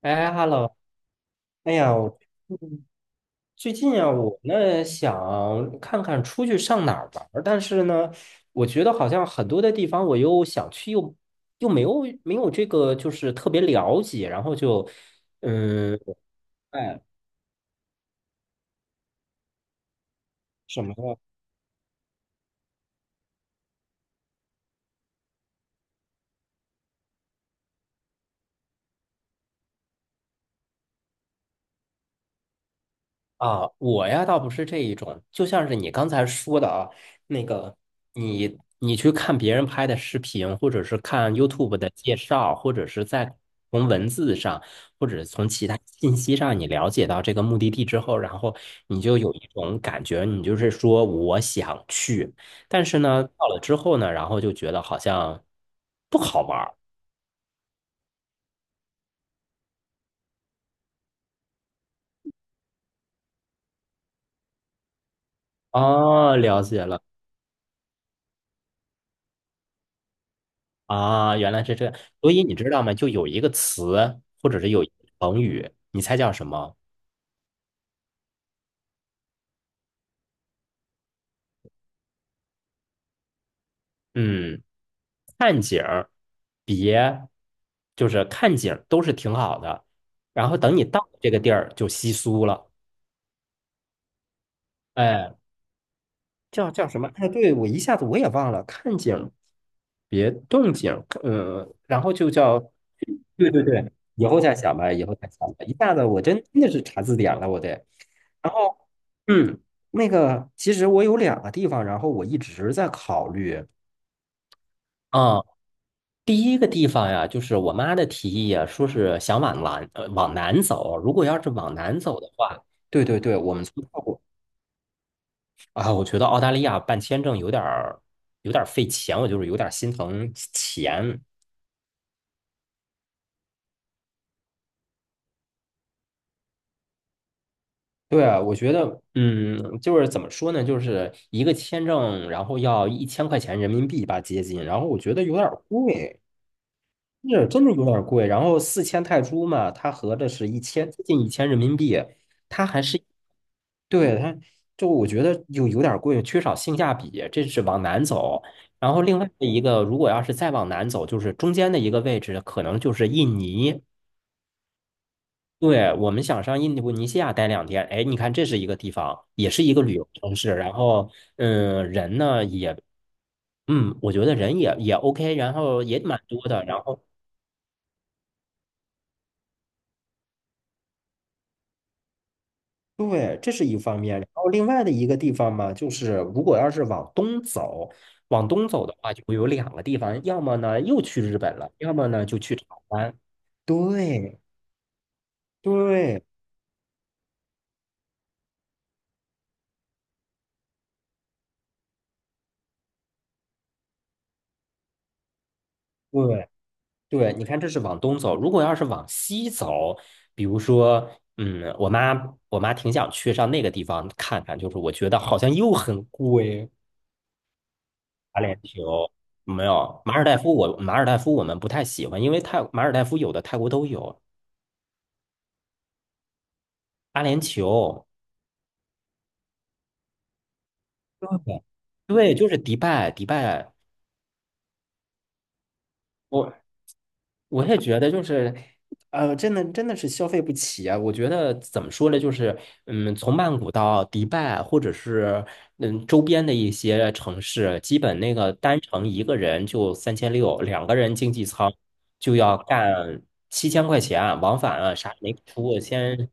哎，hello，哎呀，我嗯最近啊，我呢想看看出去上哪儿玩儿。但是呢，我觉得好像很多的地方我又想去又，又没有这个就是特别了解，然后就嗯，哎，什么呀？啊，我呀倒不是这一种，就像是你刚才说的啊，那个你去看别人拍的视频，或者是看 YouTube 的介绍，或者是在从文字上，或者从其他信息上，你了解到这个目的地之后，然后你就有一种感觉，你就是说我想去，但是呢，到了之后呢，然后就觉得好像不好玩儿。哦，了解了。啊，原来是这样。所以你知道吗？就有一个词，或者是有一个成语，你猜叫什么？嗯，看景儿，别，就是看景儿都是挺好的，然后等你到这个地儿就稀疏了。哎，叫什么？哎，对，我一下子我也忘了。看景儿，别动景儿，然后就叫，对对对，以后再想吧，以后再想吧。一下子我真的是查字典了，我得。然后。嗯，那个，其实我有两个地方，然后我一直在考虑。啊，第一个地方呀，就是我妈的提议呀，说是想往南走。如果要是往南走的话，对对对，我们从泰国。啊，我觉得澳大利亚办签证有点儿费钱，我就是有点儿心疼钱。对啊，我觉得，就是怎么说呢，就是一个签证，然后要1000块钱人民币吧，接近，然后我觉得有点儿贵。是真的有点贵，然后4000泰铢嘛，它合着是一千，接近1000人民币，它还是对它，就我觉得有点贵，缺少性价比，这是往南走。然后另外的一个，如果要是再往南走，就是中间的一个位置，可能就是印尼。对，我们想上印度尼西亚待两天，哎，你看这是一个地方，也是一个旅游城市，然后人呢也，我觉得人也 OK，然后也蛮多的，然后。对，这是一方面。然后另外的一个地方嘛，就是如果要是往东走，的话，就会有两个地方，要么呢又去日本了，要么呢就去台湾。对对对对，你看这是往东走。如果要是往西走，比如说，我妈挺想去上那个地方看看，就是我觉得好像又很贵，打脸球。没有，马尔代夫我们不太喜欢，因为马尔代夫有的泰国都有。阿联酋。对，对，就是迪拜，迪拜，我我也觉得就是，真的真的是消费不起啊！我觉得怎么说呢，就是，从曼谷到迪拜，或者是周边的一些城市，基本那个单程一个人就3600，两个人经济舱就要干7000块钱啊，往返啊啥也没出，先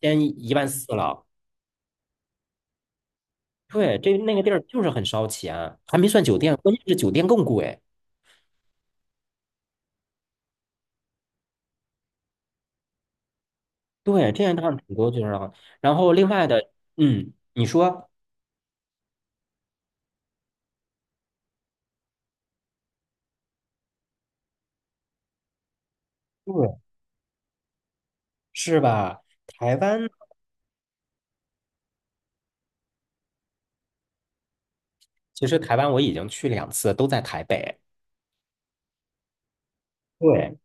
先14000了。对，这那个地儿就是很烧钱啊，还没算酒店，关键是酒店更贵。对，这样的话挺多就是了。然后另外的。你说，对，是吧？台湾，其实台湾我已经去两次，都在台北。对，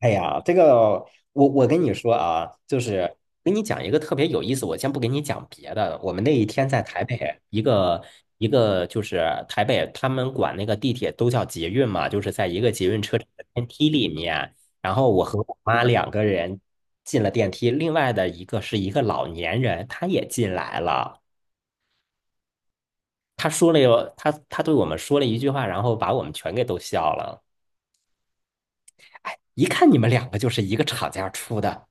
哎呀，这个我跟你说啊，就是跟你讲一个特别有意思。我先不跟你讲别的，我们那一天在台北一个一个就是台北，他们管那个地铁都叫捷运嘛，就是在一个捷运车站的电梯里面，然后我和我妈两个人进了电梯，另外的一个是一个老年人，他也进来了，他说了有他对我们说了一句话，然后把我们全给逗笑了。一看你们两个就是一个厂家出的。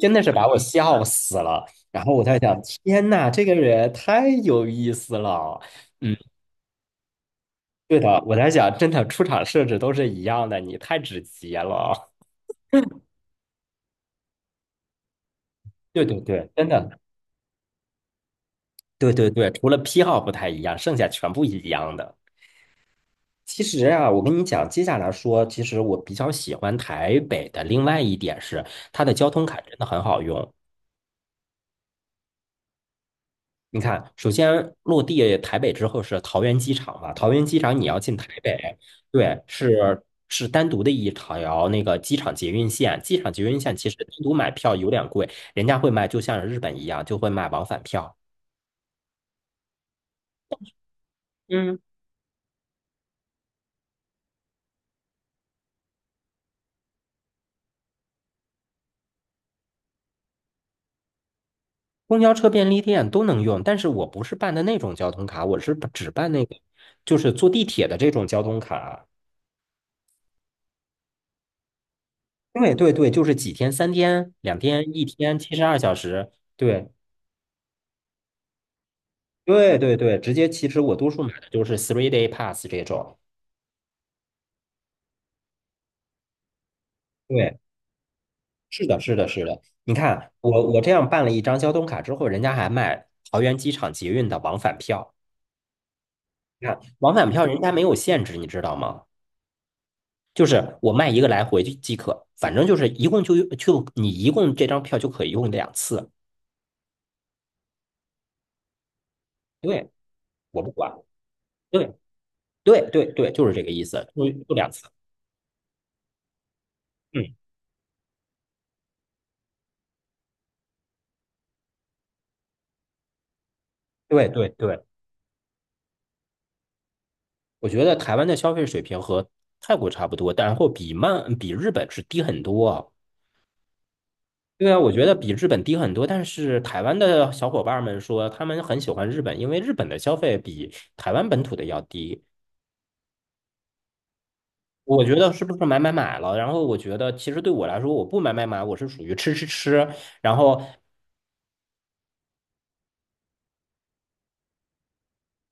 真的是把我笑死了。然后我在想，天呐，这个人太有意思了。嗯，对的，我在想，真的出场设置都是一样的，你太直接了。对对对，真的，对对对，除了批号不太一样，剩下全部一样的。其实啊，我跟你讲，接下来说，其实我比较喜欢台北的另外一点是，它的交通卡真的很好用。你看，首先落地台北之后是桃园机场嘛，桃园机场你要进台北，对，是单独的一条那个机场捷运线，机场捷运线其实单独买票有点贵，人家会卖，就像日本一样，就会卖往返票。嗯，公交车便利店都能用，但是我不是办的那种交通卡，我是只办那个，就是坐地铁的这种交通卡。对对对，就是几天、3天、两天、一天、72小时，对，对对对，直接其实我多数买的就是 three day pass 这种。对，是的，是的，是的。你看，我这样办了一张交通卡之后，人家还卖桃园机场捷运的往返票。你看，往返票人家没有限制，你知道吗？就是我卖一个来回就即可，反正就是一共就用就你一共这张票就可以用两次。对，我不管。对对对对，就是这个意思，就两次。嗯，对对对。我觉得台湾的消费水平和泰国差不多，然后比日本是低很多啊。对啊，我觉得比日本低很多，但是台湾的小伙伴们说他们很喜欢日本，因为日本的消费比台湾本土的要低。我觉得是不是买买买了？然后我觉得其实对我来说，我不买买买，我是属于吃吃吃。然后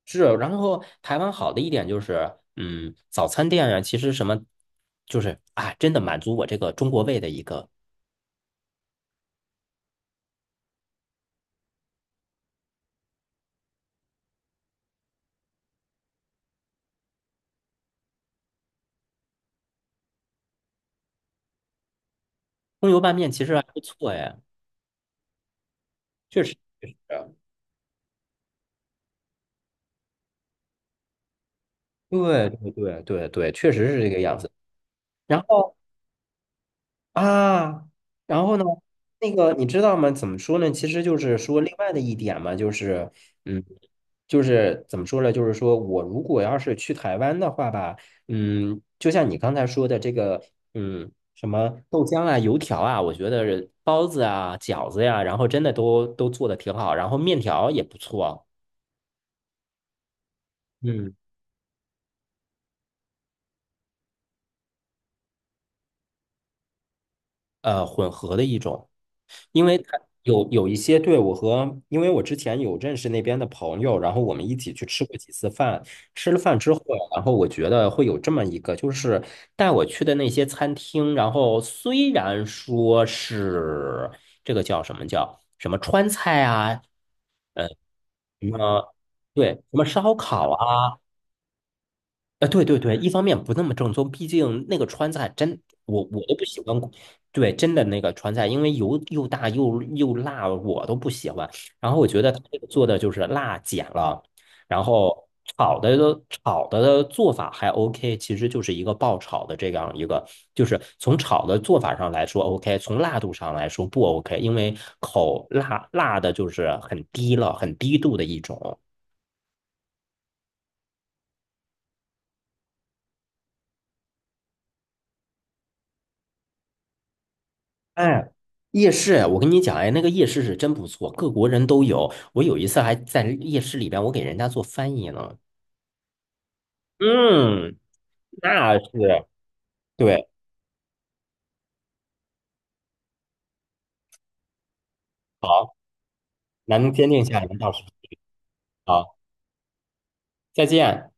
是，然后台湾好的一点就是，早餐店啊，其实什么就是啊，真的满足我这个中国胃的一个葱油拌面，其实还不错哎。确实，确实对对对对对，确实是这个样子。然后啊，然后呢，那个你知道吗？怎么说呢？其实就是说另外的一点嘛，嗯，就是怎么说呢？就是说我如果要是去台湾的话吧，就像你刚才说的这个，嗯，什么豆浆啊、油条啊，我觉得包子啊、饺子呀、然后真的都做的挺好，然后面条也不错，嗯，混合的一种。因为他有一些对我和，因为我之前有认识那边的朋友，然后我们一起去吃过几次饭。吃了饭之后，然后我觉得会有这么一个，就是带我去的那些餐厅，然后虽然说是这个叫什么川菜啊，呃，什么对，什么烧烤啊。对对对，一方面不那么正宗，毕竟那个川菜真，我都不喜欢对，真的那个川菜，因为油又大又辣，我都不喜欢。然后我觉得他这个做的就是辣减了，然后炒的做法还 OK，其实就是一个爆炒的这样一个，就是从炒的做法上来说 OK，从辣度上来说不 OK，因为口辣辣的就是很低了，很低度的一种。哎，夜市，我跟你讲，哎，那个夜市是真不错，各国人都有。我有一次还在夜市里边，我给人家做翻译呢。嗯，那是，对，好，咱们坚定一下来，到时候好，再见。